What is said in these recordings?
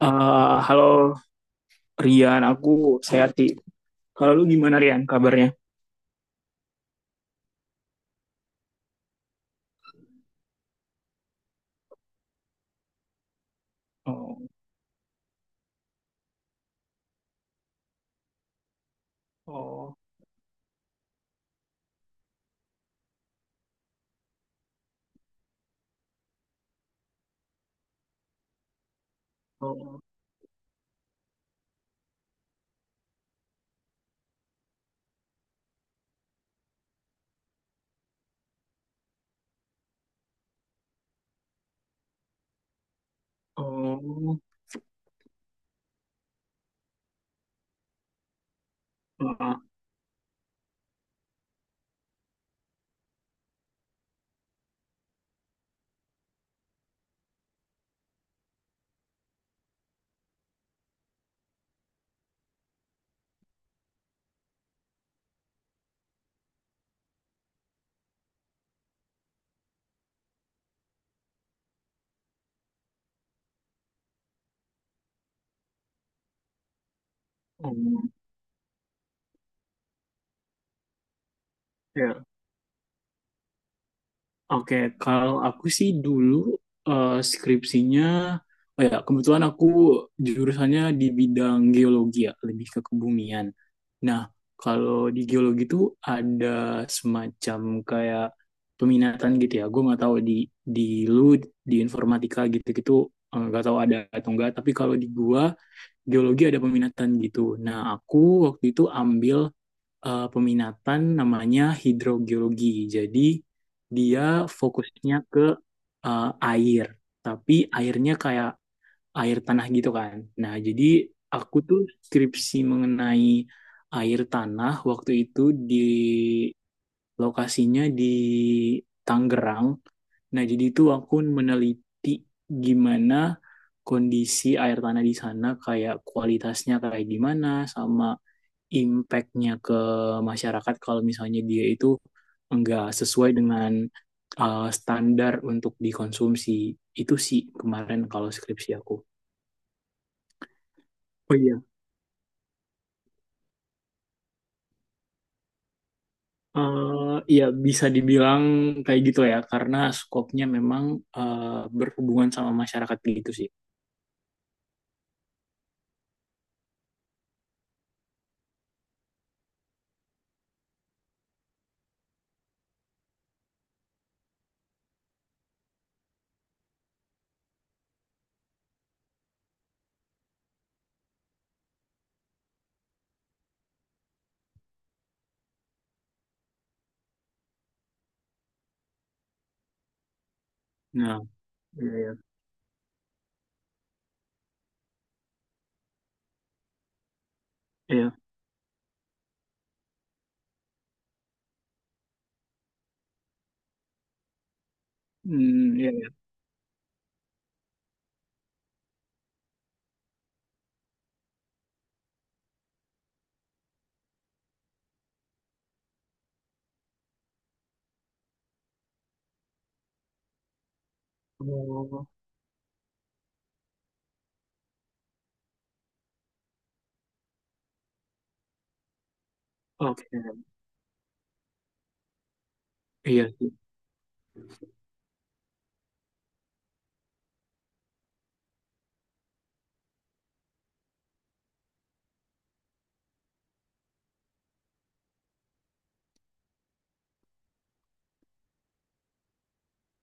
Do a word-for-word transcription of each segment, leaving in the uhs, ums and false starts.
Eh, halo Rian, aku Sayati. Kalau lu gimana Rian kabarnya? Oh, oh, oh, oh, oh, oh, oh. Oke, kalau aku sih dulu eh, skripsinya, oh ya kebetulan aku jurusannya di bidang geologi ya, lebih ke kebumian. Nah, kalau di geologi tuh ada semacam kayak peminatan gitu ya. Gue nggak tahu di di lu di informatika gitu-gitu, eh, nggak tahu ada atau enggak. Tapi kalau di gua geologi ada peminatan gitu. Nah, aku waktu itu ambil eh, peminatan namanya hidrogeologi. Jadi dia fokusnya ke eh, air, tapi airnya kayak air tanah gitu kan. Nah, jadi aku tuh skripsi mengenai air tanah waktu itu di lokasinya di Tangerang. Nah, jadi itu aku meneliti gimana kondisi air tanah di sana, kayak kualitasnya kayak gimana, sama impact-nya ke masyarakat kalau misalnya dia itu enggak sesuai dengan uh, standar untuk dikonsumsi. Itu sih kemarin kalau skripsi aku. Oh iya. Eh, Ya bisa dibilang kayak gitu ya, karena skopnya memang eh, berhubungan sama masyarakat gitu sih. Nah, iya, iya, iya. Hmm, iya, iya. Oh, oke. Iya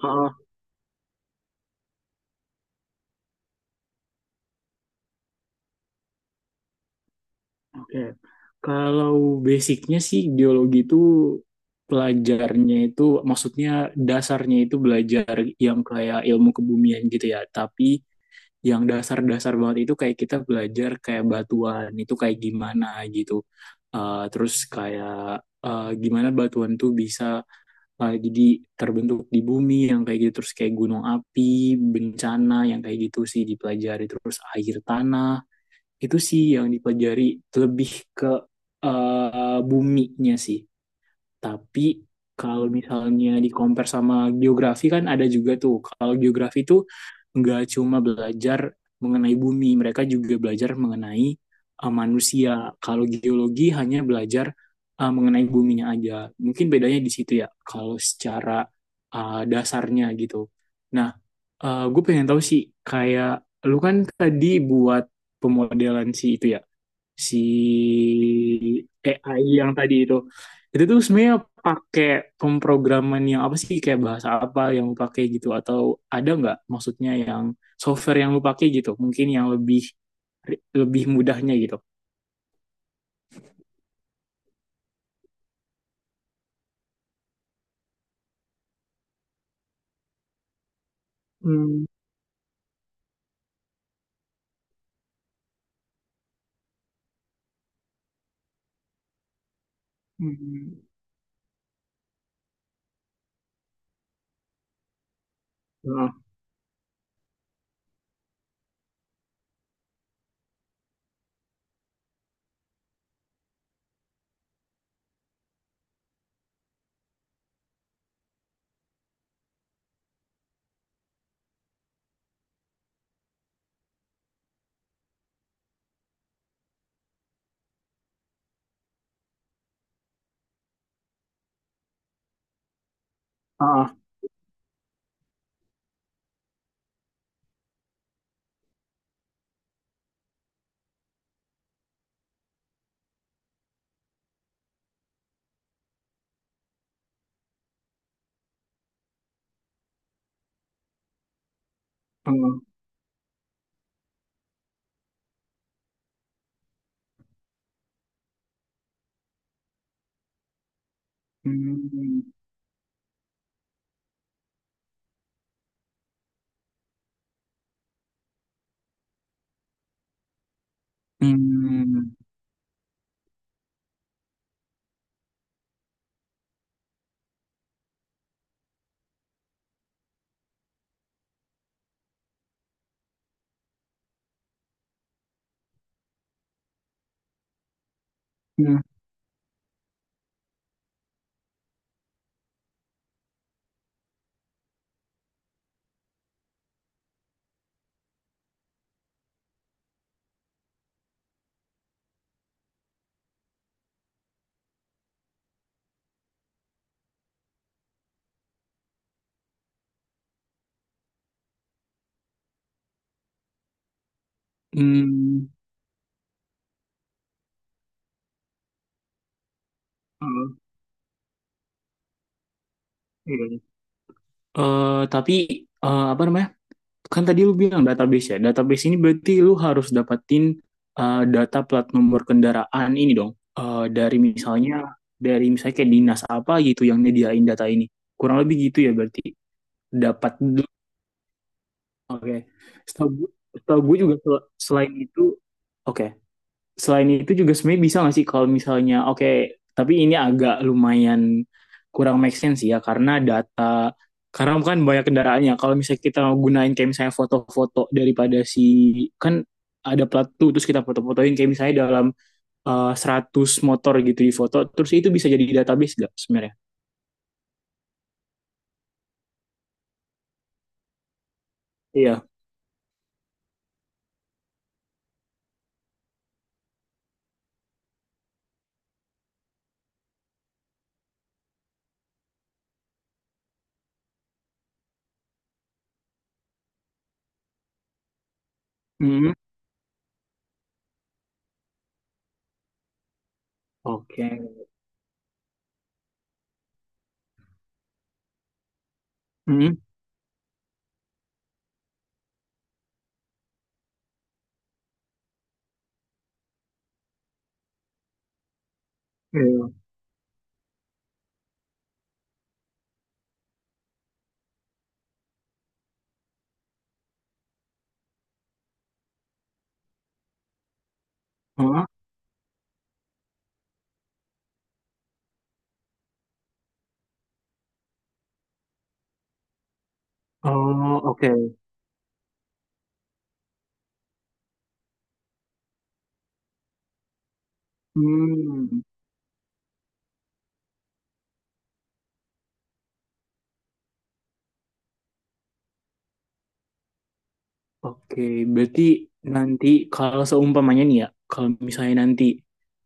sih. Oke. Kalau basicnya sih geologi itu pelajarnya itu maksudnya dasarnya itu belajar yang kayak ilmu kebumian gitu ya. Tapi yang dasar-dasar banget itu kayak kita belajar kayak batuan itu kayak gimana gitu. Eh, terus kayak, eh, gimana batuan tuh bisa, eh, jadi terbentuk di bumi yang kayak gitu. Terus kayak gunung api, bencana yang kayak gitu sih dipelajari. Terus air tanah itu sih yang dipelajari lebih ke, eh, buminya sih, tapi kalau misalnya di compare sama geografi kan ada juga tuh. Kalau geografi tuh nggak cuma belajar mengenai bumi, mereka juga belajar mengenai, eh, manusia. Kalau geologi hanya belajar eh, mengenai buminya aja. Mungkin bedanya di situ ya, kalau secara eh, dasarnya gitu. Nah, gue pengen tahu sih, kayak lu kan tadi buat pemodelan si itu ya, si A I yang tadi itu itu tuh sebenarnya pakai pemrograman yang apa sih kayak bahasa apa yang lu pakai gitu, atau ada nggak maksudnya yang software yang lu pakai gitu mungkin yang lebih lebih mudahnya gitu. Hmm. Hmm. Ah, ah, ah. Hmm. Hmm. Hmm. Hmm. Ah, iya. Eh, tapi eh, apa namanya, kan tadi lu bilang database ya. Database ini berarti lu harus dapatin, uh, data plat nomor kendaraan ini dong. Uh, dari misalnya dari misalnya kayak dinas apa gitu yang nyediain data ini. Kurang lebih gitu ya berarti dapat dulu. Oke. Setahu gue, setahu gue juga sel- selain itu, oke, selain itu juga sebenarnya bisa nggak sih kalau misalnya oke okay, tapi ini agak lumayan kurang make sense ya karena data, karena kan banyak kendaraannya kalau misalnya kita gunain kayak misalnya foto-foto daripada si, kan ada plat tuh terus kita foto-fotoin kayak misalnya dalam eh, seratus motor gitu di foto terus itu bisa jadi database nggak sebenarnya? Iya. Hmm. Oke. Hmm. Iya. Hah? Oh, oke. Hmm. Oke, berarti nanti kalau seumpamanya nih ya, kalau misalnya nanti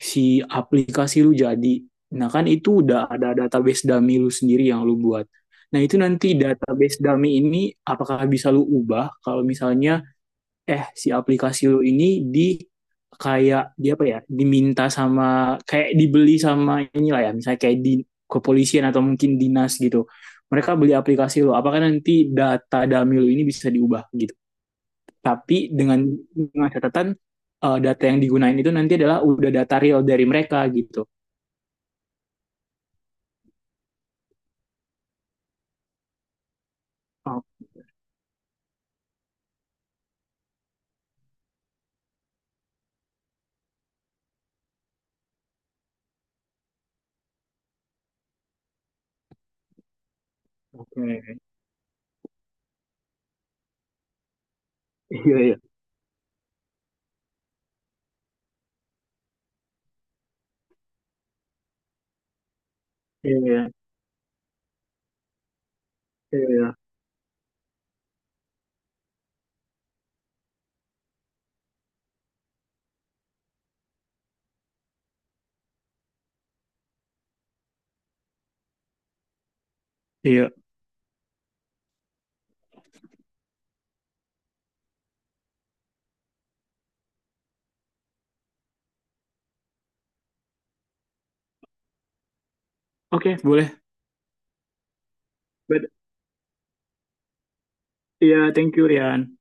si aplikasi lu jadi, nah kan itu udah ada database dummy lu sendiri yang lu buat. Nah itu nanti database dummy ini apakah bisa lu ubah kalau misalnya eh si aplikasi lu ini di kayak di apa ya, diminta sama kayak dibeli sama inilah ya, misalnya kayak di kepolisian atau mungkin dinas gitu. Mereka beli aplikasi lu, apakah nanti data dummy lu ini bisa diubah gitu? Tapi dengan dengan catatan eh, data yang digunain itu nanti adalah udah data real dari mereka gitu. Oh. Oke. Iya, iya, iya, iya, iya. Iya. Oke, boleh. But, iya, yeah, thank you, Rian.